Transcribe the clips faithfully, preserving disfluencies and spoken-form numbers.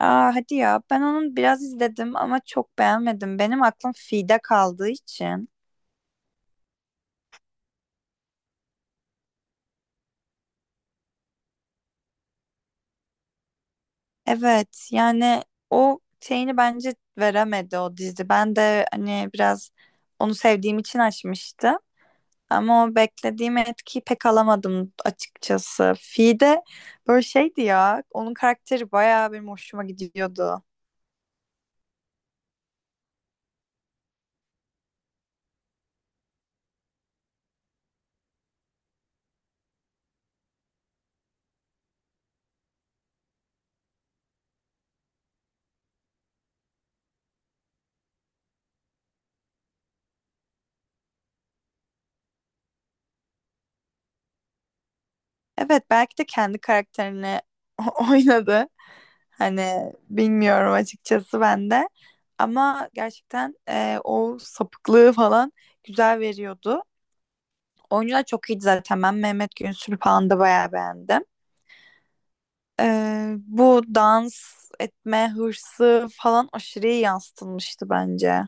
Aa, hadi ya ben onu biraz izledim ama çok beğenmedim. Benim aklım Fi'de kaldığı için. Evet, yani o şeyini bence veremedi o dizi. Ben de hani biraz onu sevdiğim için açmıştım. Ama o beklediğim etkiyi pek alamadım açıkçası. Fi'de böyle şeydi ya. Onun karakteri bayağı benim hoşuma gidiyordu. Evet, belki de kendi karakterini oynadı. Hani bilmiyorum açıkçası ben de. Ama gerçekten e, o sapıklığı falan güzel veriyordu. Oyuncular çok iyiydi zaten. Ben Mehmet Günsür'ü falan da bayağı beğendim. E, bu dans etme hırsı falan aşırı iyi yansıtılmıştı bence.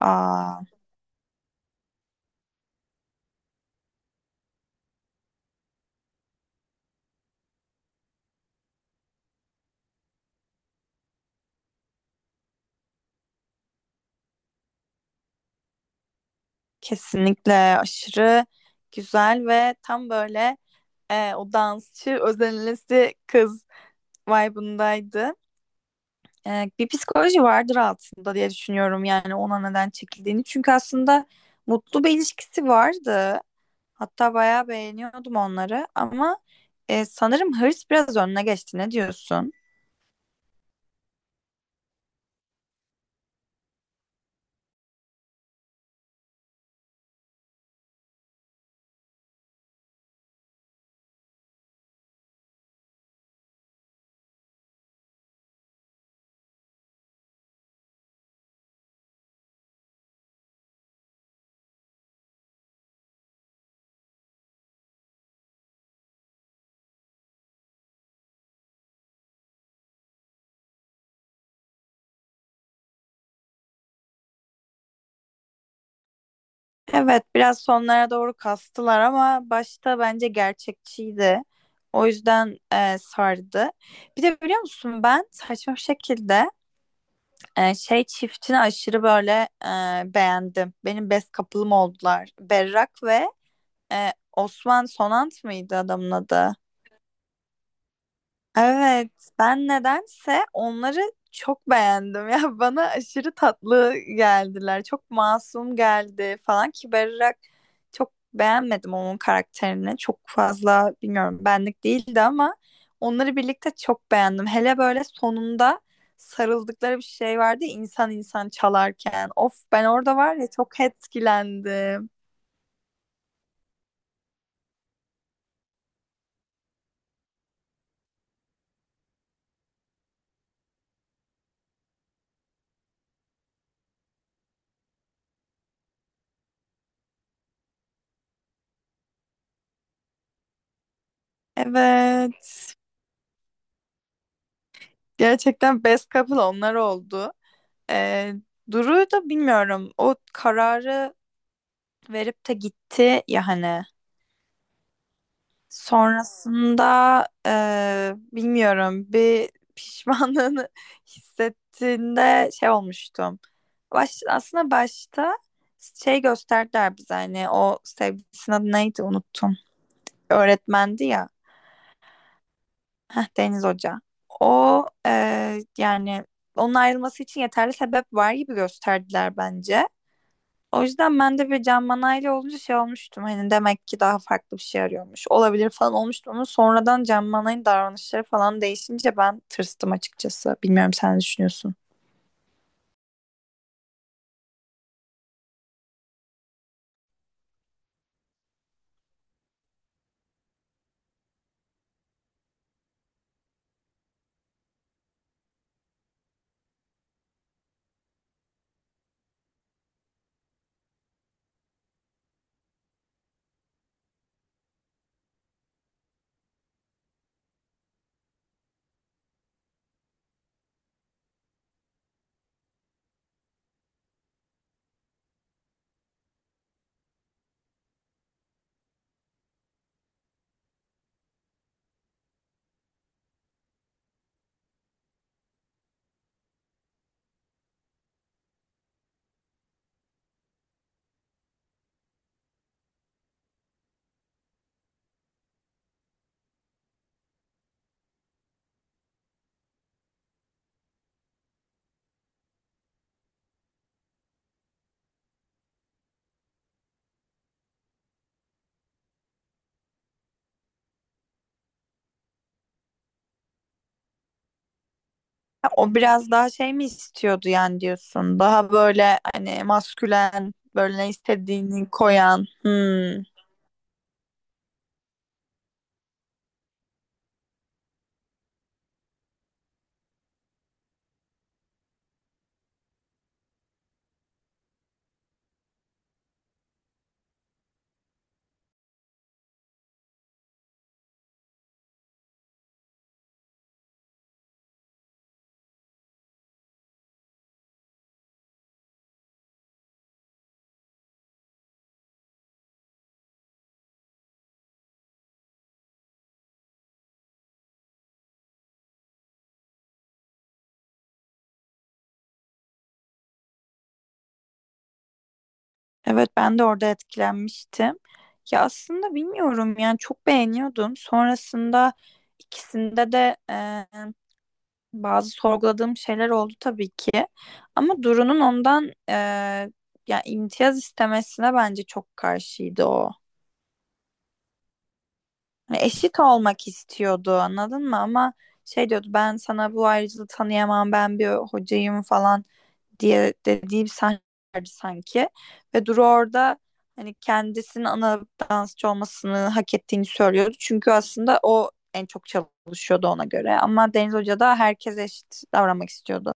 Aa, kesinlikle aşırı güzel ve tam böyle e, o dansçı özenlisi kız vibe'ındaydı. E, bir psikoloji vardır altında diye düşünüyorum, yani ona neden çekildiğini. Çünkü aslında mutlu bir ilişkisi vardı. Hatta bayağı beğeniyordum onları ama e, sanırım hırs biraz önüne geçti. Ne diyorsun? Evet, biraz sonlara doğru kastılar ama başta bence gerçekçiydi. O yüzden e, sardı. Bir de biliyor musun, ben saçma bir şekilde Ee, şey çiftini aşırı böyle e, beğendim. Benim best couple'ım oldular. Berrak ve e, Osman Sonant mıydı adamın adı? Evet, ben nedense onları çok beğendim. Ya bana aşırı tatlı geldiler. Çok masum geldi falan ki Berrak, çok beğenmedim onun karakterini. Çok fazla bilmiyorum, benlik değildi ama onları birlikte çok beğendim. Hele böyle sonunda sarıldıkları bir şey vardı ya, insan insan çalarken. Of, ben orada var ya çok etkilendim. Evet. Gerçekten best couple onlar oldu. Ee, Duru'yu da bilmiyorum. O kararı verip de gitti ya hani. Sonrasında e, bilmiyorum, bir pişmanlığını hissettiğinde şey olmuştum. Baş, aslında başta şey gösterdiler bize, hani o sevgilisinin adı neydi unuttum. Öğretmendi ya. Heh, Deniz Hoca. O e, yani onun ayrılması için yeterli sebep var gibi gösterdiler bence. O yüzden ben de bir Can Manay'la olunca şey olmuştum. Hani demek ki daha farklı bir şey arıyormuş. Olabilir falan olmuştum ama sonradan Can Manay'ın davranışları falan değişince ben tırstım açıkçası. Bilmiyorum, sen ne düşünüyorsun? Ha, o biraz daha şey mi istiyordu yani diyorsun? Daha böyle hani maskülen, böyle ne istediğini koyan. Hmm. Evet, ben de orada etkilenmiştim. Ya aslında bilmiyorum, yani çok beğeniyordum. Sonrasında ikisinde de bazı sorguladığım şeyler oldu tabii ki. Ama Duru'nun ondan e, yani imtiyaz istemesine bence çok karşıydı o. Hani eşit olmak istiyordu anladın mı? Ama şey diyordu, ben sana bu ayrıcalığı tanıyamam ben bir hocayım falan diye dediği bir sahne vardı sanki. Ve Duru orada hani kendisinin ana dansçı olmasını hak ettiğini söylüyordu. Çünkü aslında o en çok çalışıyordu ona göre. Ama Deniz Hoca da herkes eşit davranmak istiyordu.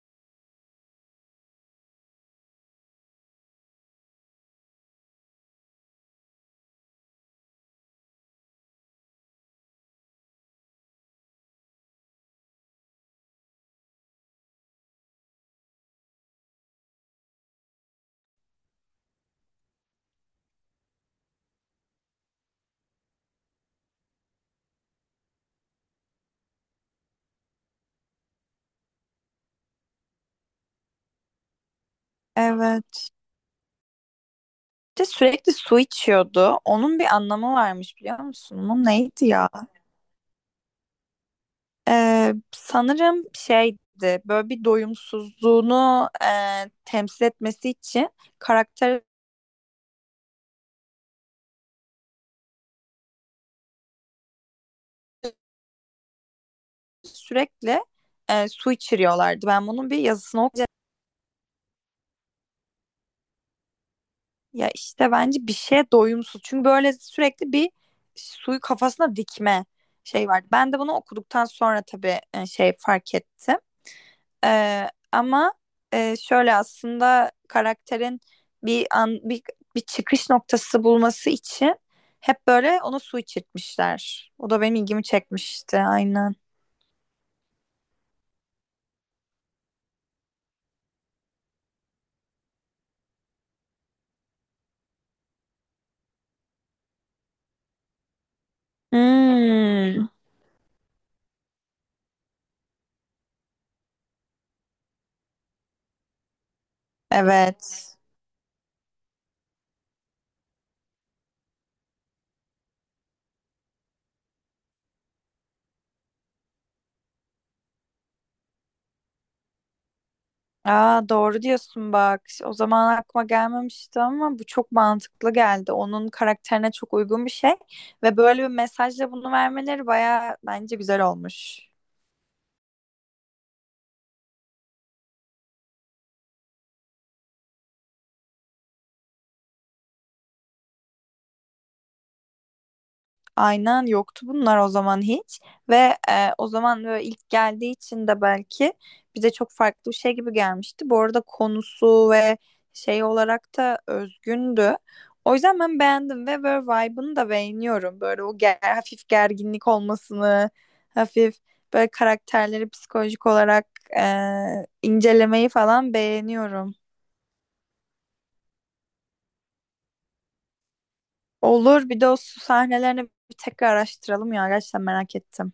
Evet. Bir de sürekli su içiyordu. Onun bir anlamı varmış biliyor musun? Onun neydi ya? Ee, sanırım şeydi, böyle bir doyumsuzluğunu e, temsil etmesi için karakter sürekli e, su içiriyorlardı. Ben bunun bir yazısını okuyacağım. Ya işte bence bir şeye doyumsuz. Çünkü böyle sürekli bir suyu kafasına dikme şey vardı. Ben de bunu okuduktan sonra tabii e, şey fark ettim. Ee, ama e, şöyle aslında karakterin bir an bir, bir çıkış noktası bulması için hep böyle ona su içirtmişler. O da benim ilgimi çekmişti aynen. Hmm, evet. Aa, doğru diyorsun bak. O zaman aklıma gelmemişti ama bu çok mantıklı geldi. Onun karakterine çok uygun bir şey ve böyle bir mesajla bunu vermeleri baya bence güzel olmuş. Aynen, yoktu bunlar o zaman hiç ve e, o zaman böyle ilk geldiği için de belki bize çok farklı bir şey gibi gelmişti. Bu arada konusu ve şey olarak da özgündü. O yüzden ben beğendim ve böyle vibe'ını da beğeniyorum. Böyle o ger hafif gerginlik olmasını, hafif böyle karakterleri psikolojik olarak e, incelemeyi falan beğeniyorum. Olur, bir de o su sahnelerini bir tekrar araştıralım ya, gerçekten merak ettim.